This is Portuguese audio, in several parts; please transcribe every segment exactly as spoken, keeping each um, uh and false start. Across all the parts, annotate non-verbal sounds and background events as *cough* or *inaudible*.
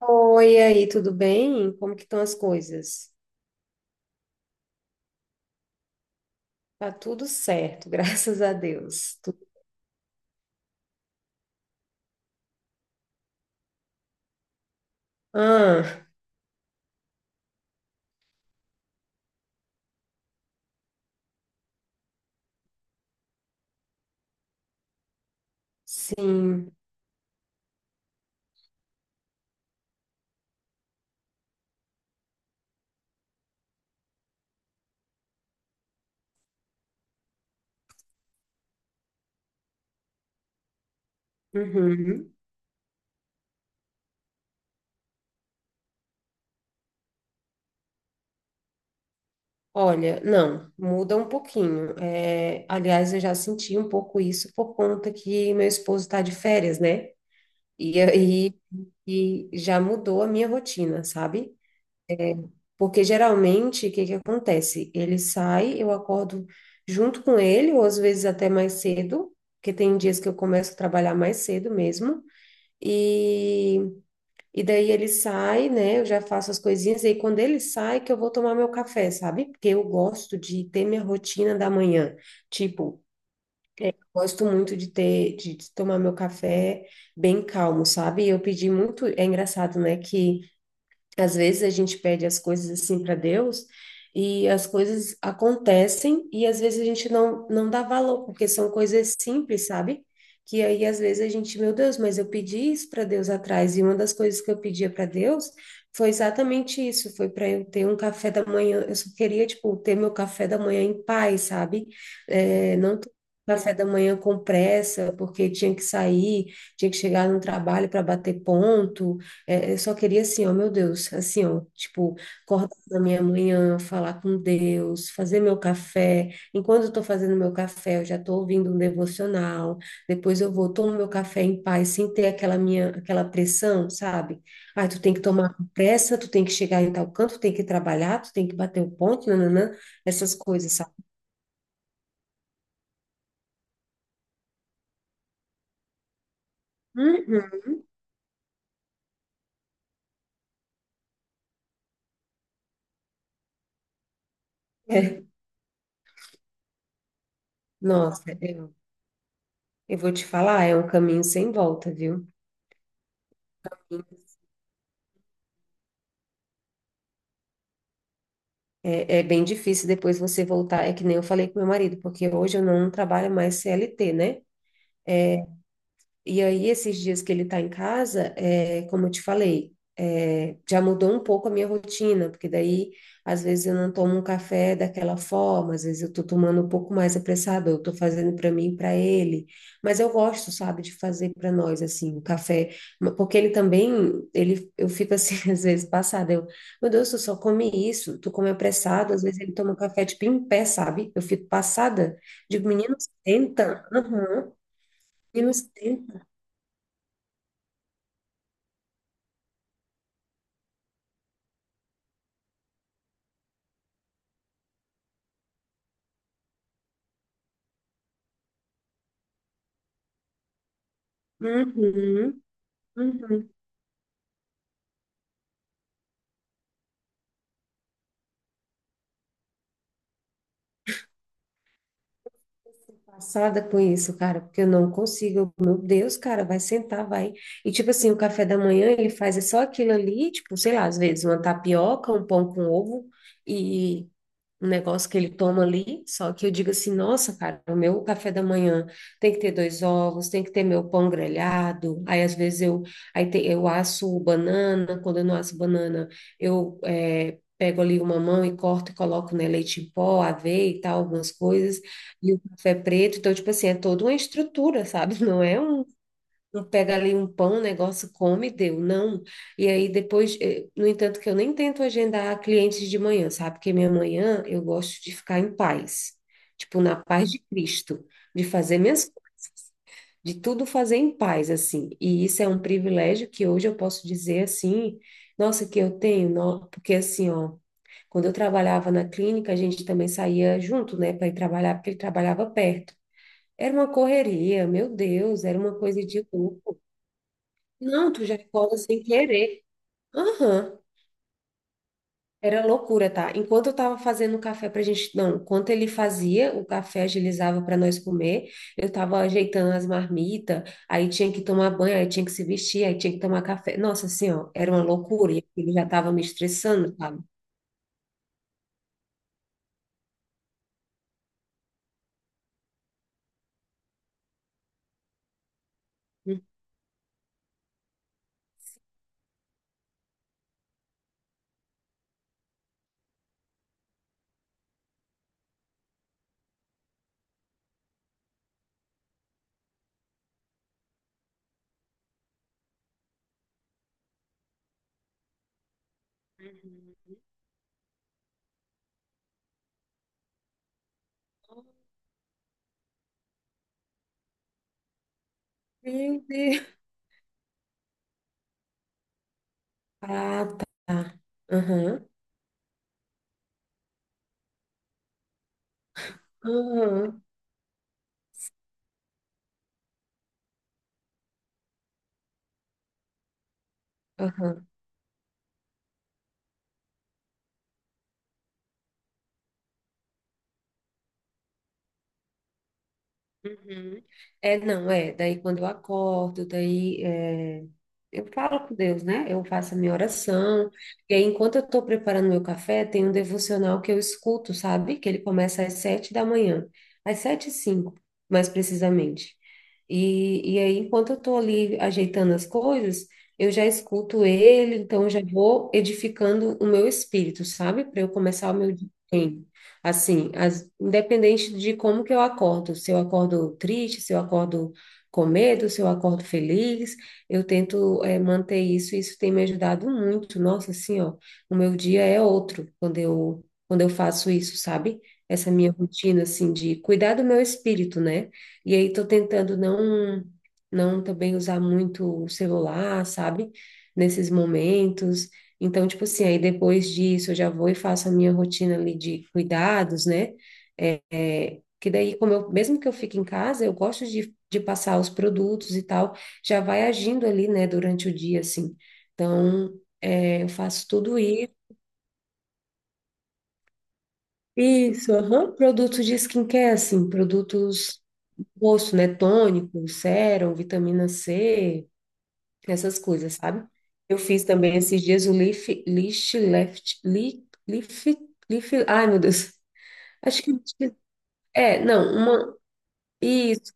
Oi, e aí, tudo bem? Como que estão as coisas? Tá tudo certo, *laughs* graças a Deus. Tu- Ah, sim. Uhum. Olha, não, muda um pouquinho. É, aliás, eu já senti um pouco isso por conta que meu esposo está de férias, né? E aí e já mudou a minha rotina, sabe? Porque geralmente, o que que acontece? Ele sai, eu acordo junto com ele, ou às vezes até mais cedo, porque tem dias que eu começo a trabalhar mais cedo mesmo. E, e daí ele sai, né? Eu já faço as coisinhas, e aí quando ele sai, que eu vou tomar meu café, sabe? Porque eu gosto de ter minha rotina da manhã. Tipo, gosto muito de ter, de, de tomar meu café bem calmo, sabe? Eu pedi muito, é engraçado, né? Que às vezes a gente pede as coisas assim para Deus e as coisas acontecem e às vezes a gente não, não dá valor, porque são coisas simples, sabe? Que aí às vezes a gente, meu Deus, mas eu pedi isso para Deus atrás e uma das coisas que eu pedia para Deus foi exatamente isso, foi para eu ter um café da manhã, eu só queria, tipo, ter meu café da manhã em paz, sabe? É, não ter café da manhã com pressa, porque tinha que sair, tinha que chegar no trabalho para bater ponto, é, eu só queria assim, ó, meu Deus, assim, ó, tipo, acordar na minha manhã, falar com Deus, fazer meu café. Enquanto eu tô fazendo meu café, eu já tô ouvindo um devocional. Depois eu vou, tomo meu café em paz, sem ter aquela minha, aquela pressão, sabe? Ah, tu tem que tomar com pressa, tu tem que chegar em tal canto, tu tem que trabalhar, tu tem que bater o ponto, nananã, essas coisas, sabe? Uhum. *laughs* É. Nossa, eu, eu vou te falar, é um caminho sem volta, viu? É, é bem difícil depois você voltar. É que nem eu falei com meu marido, porque hoje eu não trabalho mais C L T, né? E aí, esses dias que ele está em casa, é, como eu te falei, é, já mudou um pouco a minha rotina, porque daí, às vezes, eu não tomo um café daquela forma, às vezes eu estou tomando um pouco mais apressado, eu estou fazendo para mim e para ele. Mas eu gosto, sabe, de fazer para nós, assim, o café, porque ele também, ele, eu fico assim, *laughs* às vezes, passada, eu, meu Deus, tu só come isso, tu come apressado, às vezes ele toma um café, tipo, em pé, sabe? Eu fico passada, digo, menino, senta, aham, menino, senta. Uhum, uhum. Passada com isso, cara, porque eu não consigo. Eu, meu Deus, cara, vai sentar, vai. E tipo assim, o café da manhã ele faz é só aquilo ali, tipo, sei lá, às vezes uma tapioca, um pão com ovo e um negócio que ele toma ali. Só que eu digo assim, nossa, cara, o meu café da manhã tem que ter dois ovos, tem que ter meu pão grelhado. Aí às vezes eu, aí te- eu asso banana, quando eu não asso banana, eu eh, pego ali uma mão e corto e coloco, né, leite em pó, aveia e tal, algumas coisas. E o café preto, então, tipo assim, é toda uma estrutura, sabe? *laughs* Não é um, um pega ali um pão, um negócio, come, deu, não. E aí depois, eh, no entanto, que eu nem tento agendar clientes de manhã, sabe? Porque minha manhã eu gosto de ficar em paz, tipo, na paz de Cristo, de fazer minhas, de tudo fazer em paz, assim. E isso é um privilégio que hoje eu posso dizer assim, nossa, que eu tenho, nó- porque assim, ó. Quando eu trabalhava na clínica, a gente também saía junto, né, para ir trabalhar, porque ele trabalhava perto. Era uma correria, meu Deus, era uma coisa de louco. Não, tu já cola sem querer. Aham, era loucura, tá? Enquanto eu tava fazendo o café pra gente, não, enquanto ele fazia o café, agilizava para nós comer, eu tava ajeitando as marmitas, aí tinha que tomar banho, aí tinha que se vestir, aí tinha que tomar café. Nossa, assim, ó, era uma loucura, e ele já tava me estressando, sabe? Hum. Meu Deus. Ah, tá. Aham, aham, aham. Uhum. É, não, é. Daí quando eu acordo, daí é, eu falo com Deus, né? Eu faço a minha oração. E aí, enquanto eu estou preparando meu café, tem um devocional que eu escuto, sabe? Que ele começa às sete da manhã, às sete e cinco, mais precisamente. E, e aí, enquanto eu estou ali ajeitando as coisas, eu já escuto ele, então eu já vou edificando o meu espírito, sabe? Para eu começar o meu dia. Bem. Assim, as- independente de como que eu acordo, se eu acordo triste, se eu acordo com medo, se eu acordo feliz, eu tento eh, manter isso e isso tem me ajudado muito. Nossa, assim, ó, o meu dia é outro quando eu, quando eu faço isso, sabe? Essa minha rotina, assim, de cuidar do meu espírito, né? E aí tô tentando não, não também usar muito o celular, sabe? Nesses momentos. Então, tipo assim, aí depois disso eu já vou e faço a minha rotina ali de cuidados, né? É, é, que daí, como eu, mesmo que eu fique em casa, eu gosto de, de passar os produtos e tal, já vai agindo ali, né, durante o dia, assim. Então, é, eu faço tudo isso. Isso, aham. Produtos de skincare, assim, produtos do rosto, né? Tônico, sérum, vitamina C, essas coisas, sabe? Eu fiz também esses dias o Leaf, Leaf Left, Leaf, Leaf, Leaf, ai meu Deus, acho que é, não, uma, isso.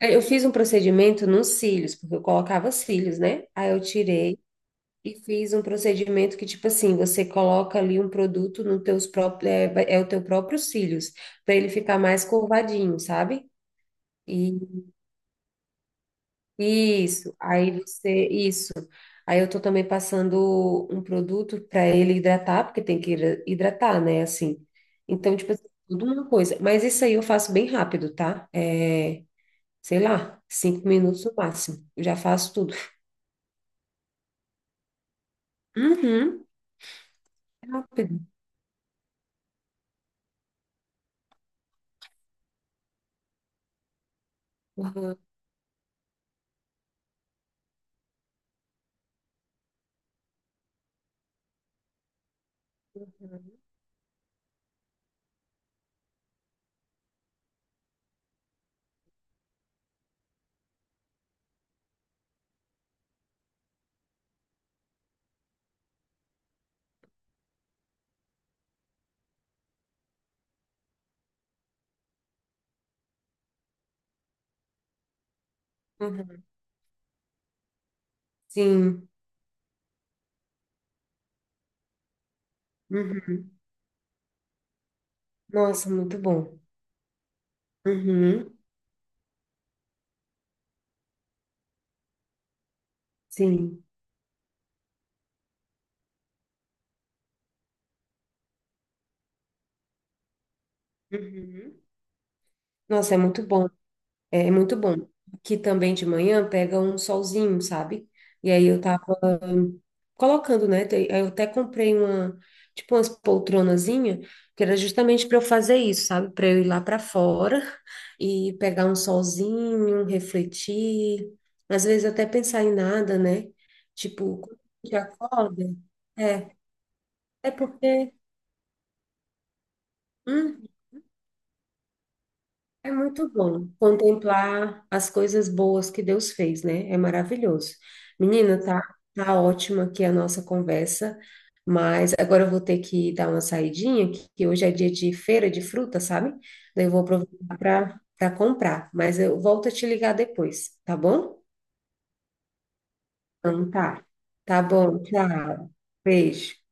É, eu fiz um procedimento nos cílios, porque eu colocava cílios, né? Aí eu tirei e fiz um procedimento que, tipo assim, você coloca ali um produto no teus próprios, é, vai- é o teu próprio cílios, para ele ficar mais curvadinho, sabe? Isso, aí você, isso. Aí eu tô também passando um produto para ele hidratar, porque tem que hidra- hidratar, né, assim. Então, tipo, assim, tudo uma coisa. Mas isso aí eu faço bem rápido, tá? É, sei lá, cinco minutos no máximo. Eu já faço tudo. Uhum, rápido. Uhum, uhum. Sim. Uhum. Nossa, muito bom. Uhum, sim. Uhum. Nossa, é muito bom. É muito bom. Que também de manhã pega um solzinho, sabe? E aí eu tava colocando, né? Te- aí eu até comprei uma, tipo umas poltronazinha, que era justamente para eu fazer isso, sabe? Para eu ir lá para fora *laughs* e pegar um solzinho, refletir, às vezes até pensar em nada, né? Tipo, quando a gente acorda, é, é porque hum, é muito bom contemplar as coisas boas que Deus fez, né? É maravilhoso. Menina, tá, tá ótima aqui a nossa conversa, mas agora eu vou ter que dar uma saidinha, que que hoje é dia de feira de fruta, sabe? Daí eu vou aproveitar para para comprar, mas eu volto a te ligar depois, tá bom? Então tá. Tá bom, tchau. Beijo.